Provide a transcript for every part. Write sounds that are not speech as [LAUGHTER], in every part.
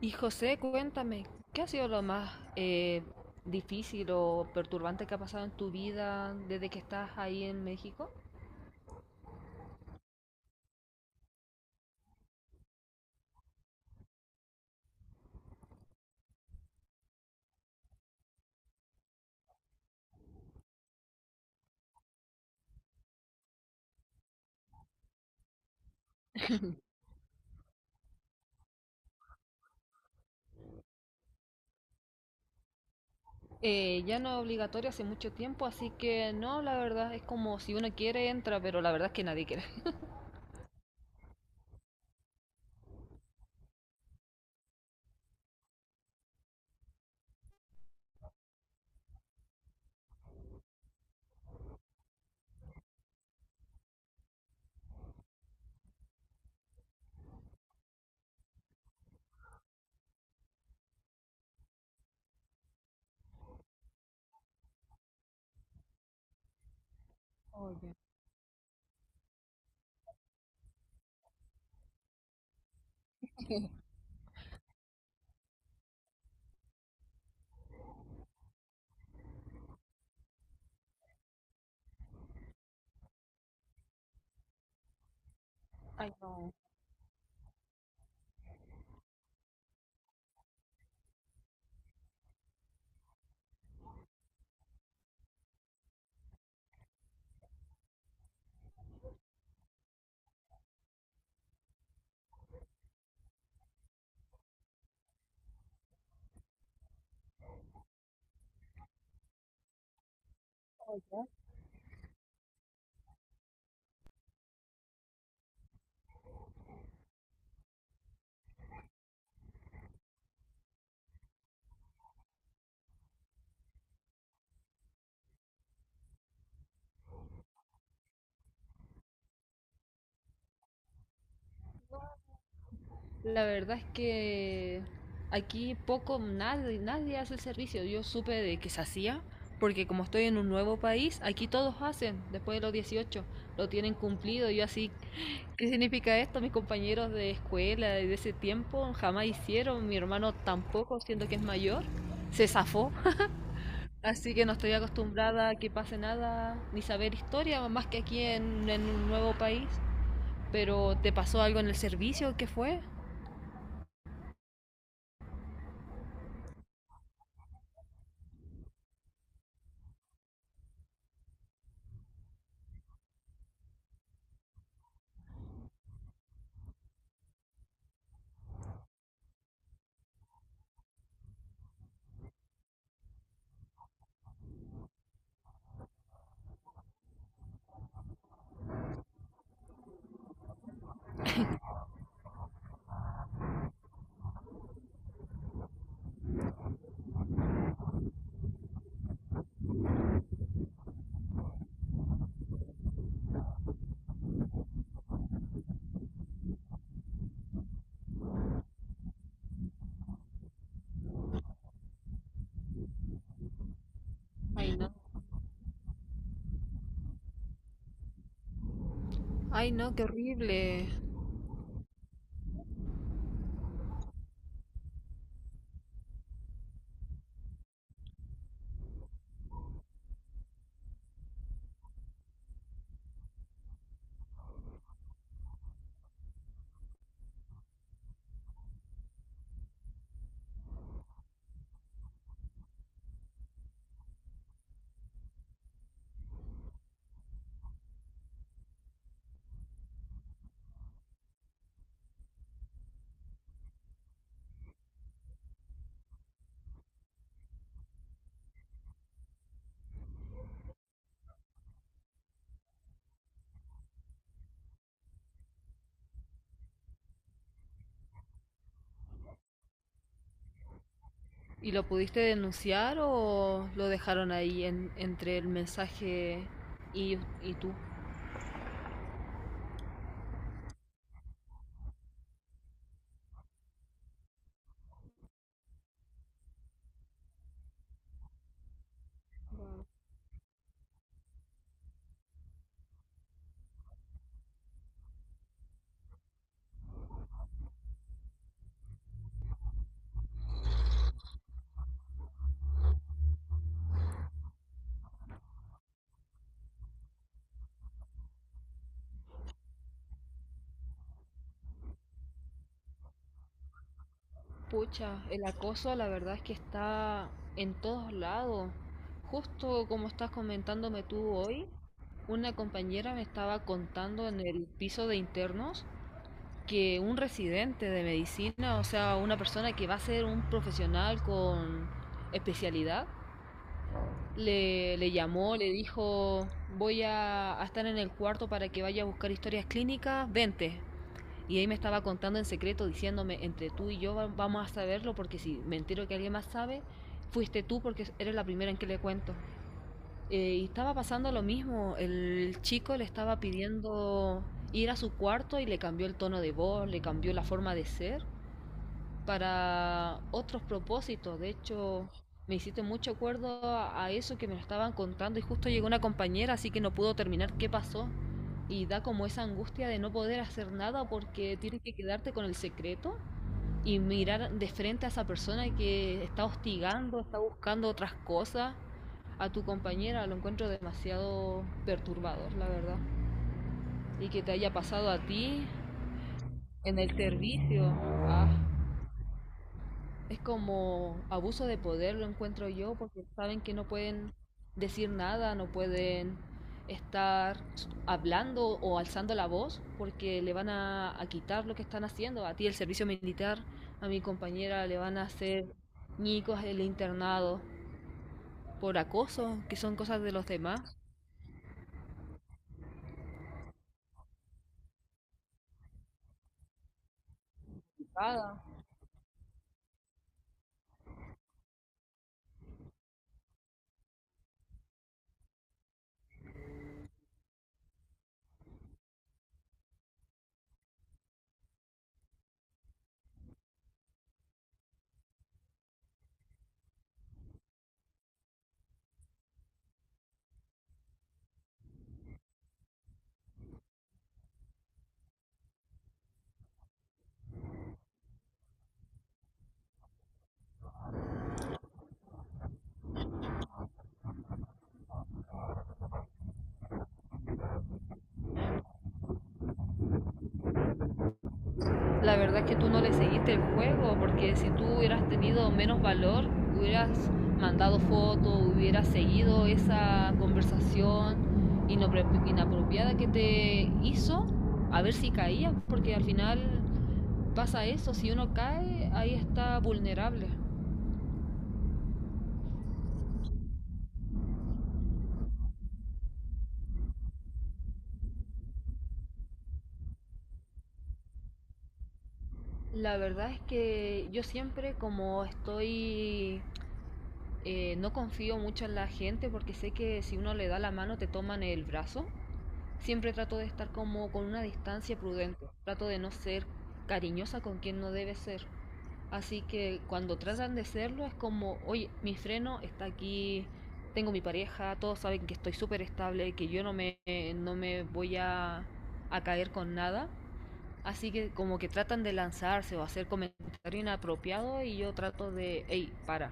Y José, cuéntame, ¿qué ha sido lo más difícil o perturbante que ha pasado en tu vida desde que estás ahí en México? Ya no es obligatorio hace mucho tiempo, así que no, la verdad es como si uno quiere entra, pero la verdad es que nadie quiere. [LAUGHS] Oye, ay no, oye, la verdad es que aquí poco, nadie hace el servicio. Yo supe de que se hacía, porque como estoy en un nuevo país, aquí todos hacen, después de los 18 lo tienen cumplido. Yo así ¿qué significa esto? Mis compañeros de escuela de ese tiempo jamás hicieron, mi hermano tampoco, siendo que es mayor, se zafó. Así que no estoy acostumbrada a que pase nada, ni saber historia, más que aquí en un nuevo país. Pero ¿te pasó algo en el servicio? ¿Qué fue? Ay, no. Ay, no, qué horrible. ¿Y lo pudiste denunciar o lo dejaron ahí en- entre el mensaje y, y tú? Pucha, el acoso la verdad es que está en todos lados. Justo como estás comentándome tú hoy, una compañera me estaba contando en el piso de internos que un residente de medicina, o sea, una persona que va a ser un profesional con especialidad, le llamó, le dijo, voy a estar en el cuarto para que vaya a buscar historias clínicas, vente. Y ahí me estaba contando en secreto, diciéndome, entre tú y yo vamos a saberlo, porque si me entero que alguien más sabe, fuiste tú porque eres la primera en que le cuento. Y estaba pasando lo mismo, el chico le estaba pidiendo ir a su cuarto y le cambió el tono de voz, le cambió la forma de ser para otros propósitos. De hecho, me hiciste mucho acuerdo a eso que me lo estaban contando y justo llegó una compañera, así que no pudo terminar qué pasó. Y da como esa angustia de no poder hacer nada porque tienes que quedarte con el secreto y mirar de frente a esa persona que está hostigando, está buscando otras cosas. A tu compañera lo encuentro demasiado perturbador, la verdad. Y que te haya pasado a ti en el servicio. Ah. Es como abuso de poder, lo encuentro yo, porque saben que no pueden decir nada, no pueden estar hablando o alzando la voz, porque le van a quitar lo que están haciendo. A ti el servicio militar, a mi compañera le van a hacer ñicos el internado por acoso, que son cosas de los demás. Nada. La verdad es que tú no le seguiste el juego, porque si tú hubieras tenido menos valor, hubieras mandado fotos, hubieras seguido esa conversación inapropiada que te hizo, a ver si caías, porque al final pasa eso, si uno cae, ahí está vulnerable. La verdad es que yo siempre como estoy, no confío mucho en la gente porque sé que si uno le da la mano te toman el brazo. Siempre trato de estar como con una distancia prudente. Trato de no ser cariñosa con quien no debe ser. Así que cuando tratan de serlo es como, oye, mi freno está aquí, tengo mi pareja, todos saben que estoy súper estable, que yo no no me voy a caer con nada. Así que como que tratan de lanzarse o hacer comentario inapropiado y yo trato de, hey, para,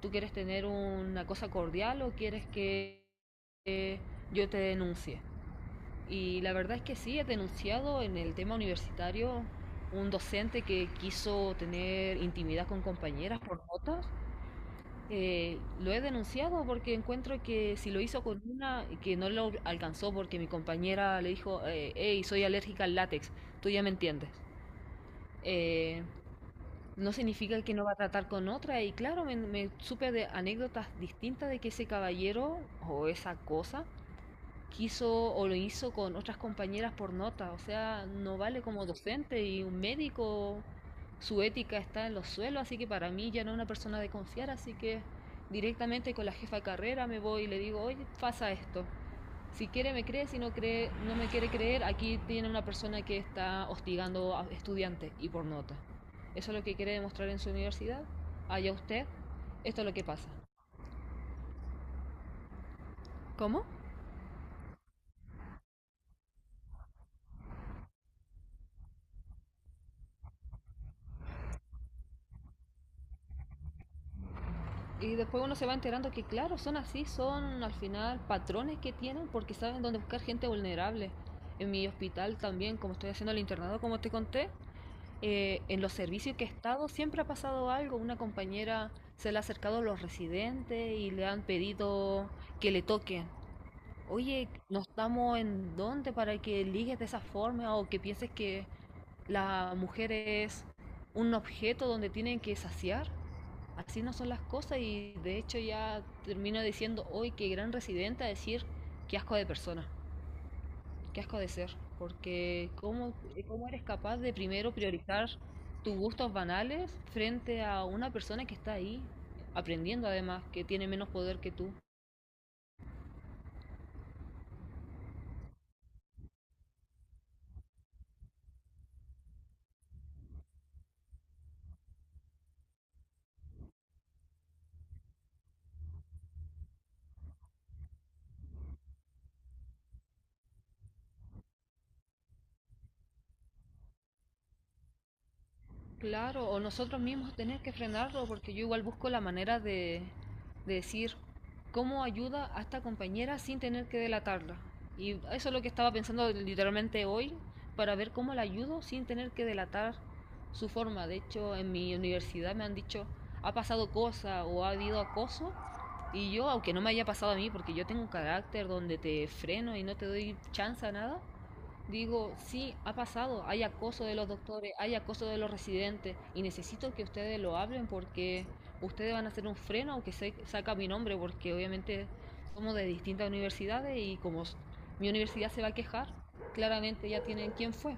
¿tú quieres tener una cosa cordial o quieres que eh, yo te denuncie? Y la verdad es que sí, he denunciado en el tema universitario un docente que quiso tener intimidad con compañeras por notas. Lo he denunciado porque encuentro que si lo hizo con una, que no lo alcanzó porque mi compañera le dijo, hey, soy alérgica al látex, tú ya me entiendes. Eh, no significa que no va a tratar con otra y claro, me supe de anécdotas distintas de que ese caballero o esa cosa quiso o lo hizo con otras compañeras por nota. O sea, no vale como docente y un médico, su ética está en los suelos, así que para mí ya no es una persona de confiar, así que directamente con la jefa de carrera me voy y le digo, oye, pasa esto. Si quiere me cree, si no cree, no me quiere creer, aquí tiene una persona que está hostigando a estudiantes y por nota. Eso es lo que quiere demostrar en su universidad. Allá usted, esto es lo que pasa. ¿Cómo? Y después uno se va enterando que, claro, son así, son al final patrones que tienen porque saben dónde buscar gente vulnerable. En mi hospital también, como estoy haciendo el internado, como te conté, en los servicios que he estado siempre ha pasado algo. Una compañera se le ha acercado a los residentes y le han pedido que le toquen. Oye, no estamos en dónde para que ligues de esa forma o que pienses que la mujer es un objeto donde tienen que saciar. Así no son las cosas y de hecho ya termino diciendo hoy que gran residente a decir qué asco de persona, qué asco de ser, porque ¿cómo, cómo eres capaz de primero priorizar tus gustos banales frente a una persona que está ahí aprendiendo además, que tiene menos poder que tú? Claro, o nosotros mismos tener que frenarlo, porque yo igual busco la manera de decir cómo ayuda a esta compañera sin tener que delatarla. Y eso es lo que estaba pensando literalmente hoy, para ver cómo la ayudo sin tener que delatar su forma. De hecho, en mi universidad me han dicho, ha pasado cosa o ha habido acoso, y yo, aunque no me haya pasado a mí, porque yo tengo un carácter donde te freno y no te doy chance a nada, digo, sí, ha pasado, hay acoso de los doctores, hay acoso de los residentes y necesito que ustedes lo hablen porque ustedes van a hacer un freno aunque se saca mi nombre porque obviamente somos de distintas universidades y como mi universidad se va a quejar, claramente ya tienen quién fue.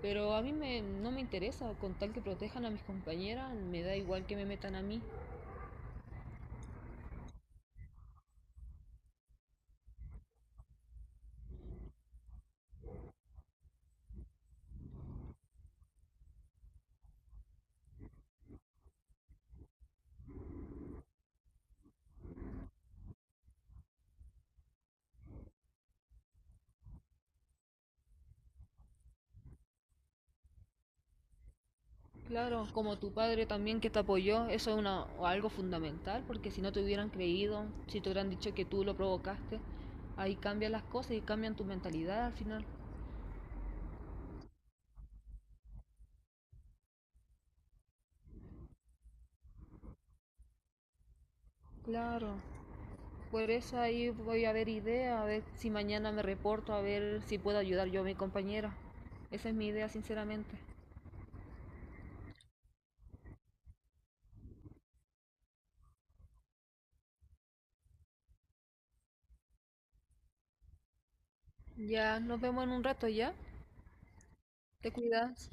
Pero a mí me- no me interesa, con tal que protejan a mis compañeras, me da igual que me metan a mí. Claro, como tu padre también que te apoyó, eso es una, algo fundamental, porque si no te hubieran creído, si te hubieran dicho que tú lo provocaste, ahí cambian las cosas y cambian tu mentalidad al final. Claro, por eso ahí voy a ver idea, a ver si mañana me reporto, a ver si puedo ayudar yo a mi compañera. Esa es mi idea, sinceramente. Ya, nos vemos en un rato, ¿ya? Te cuidas.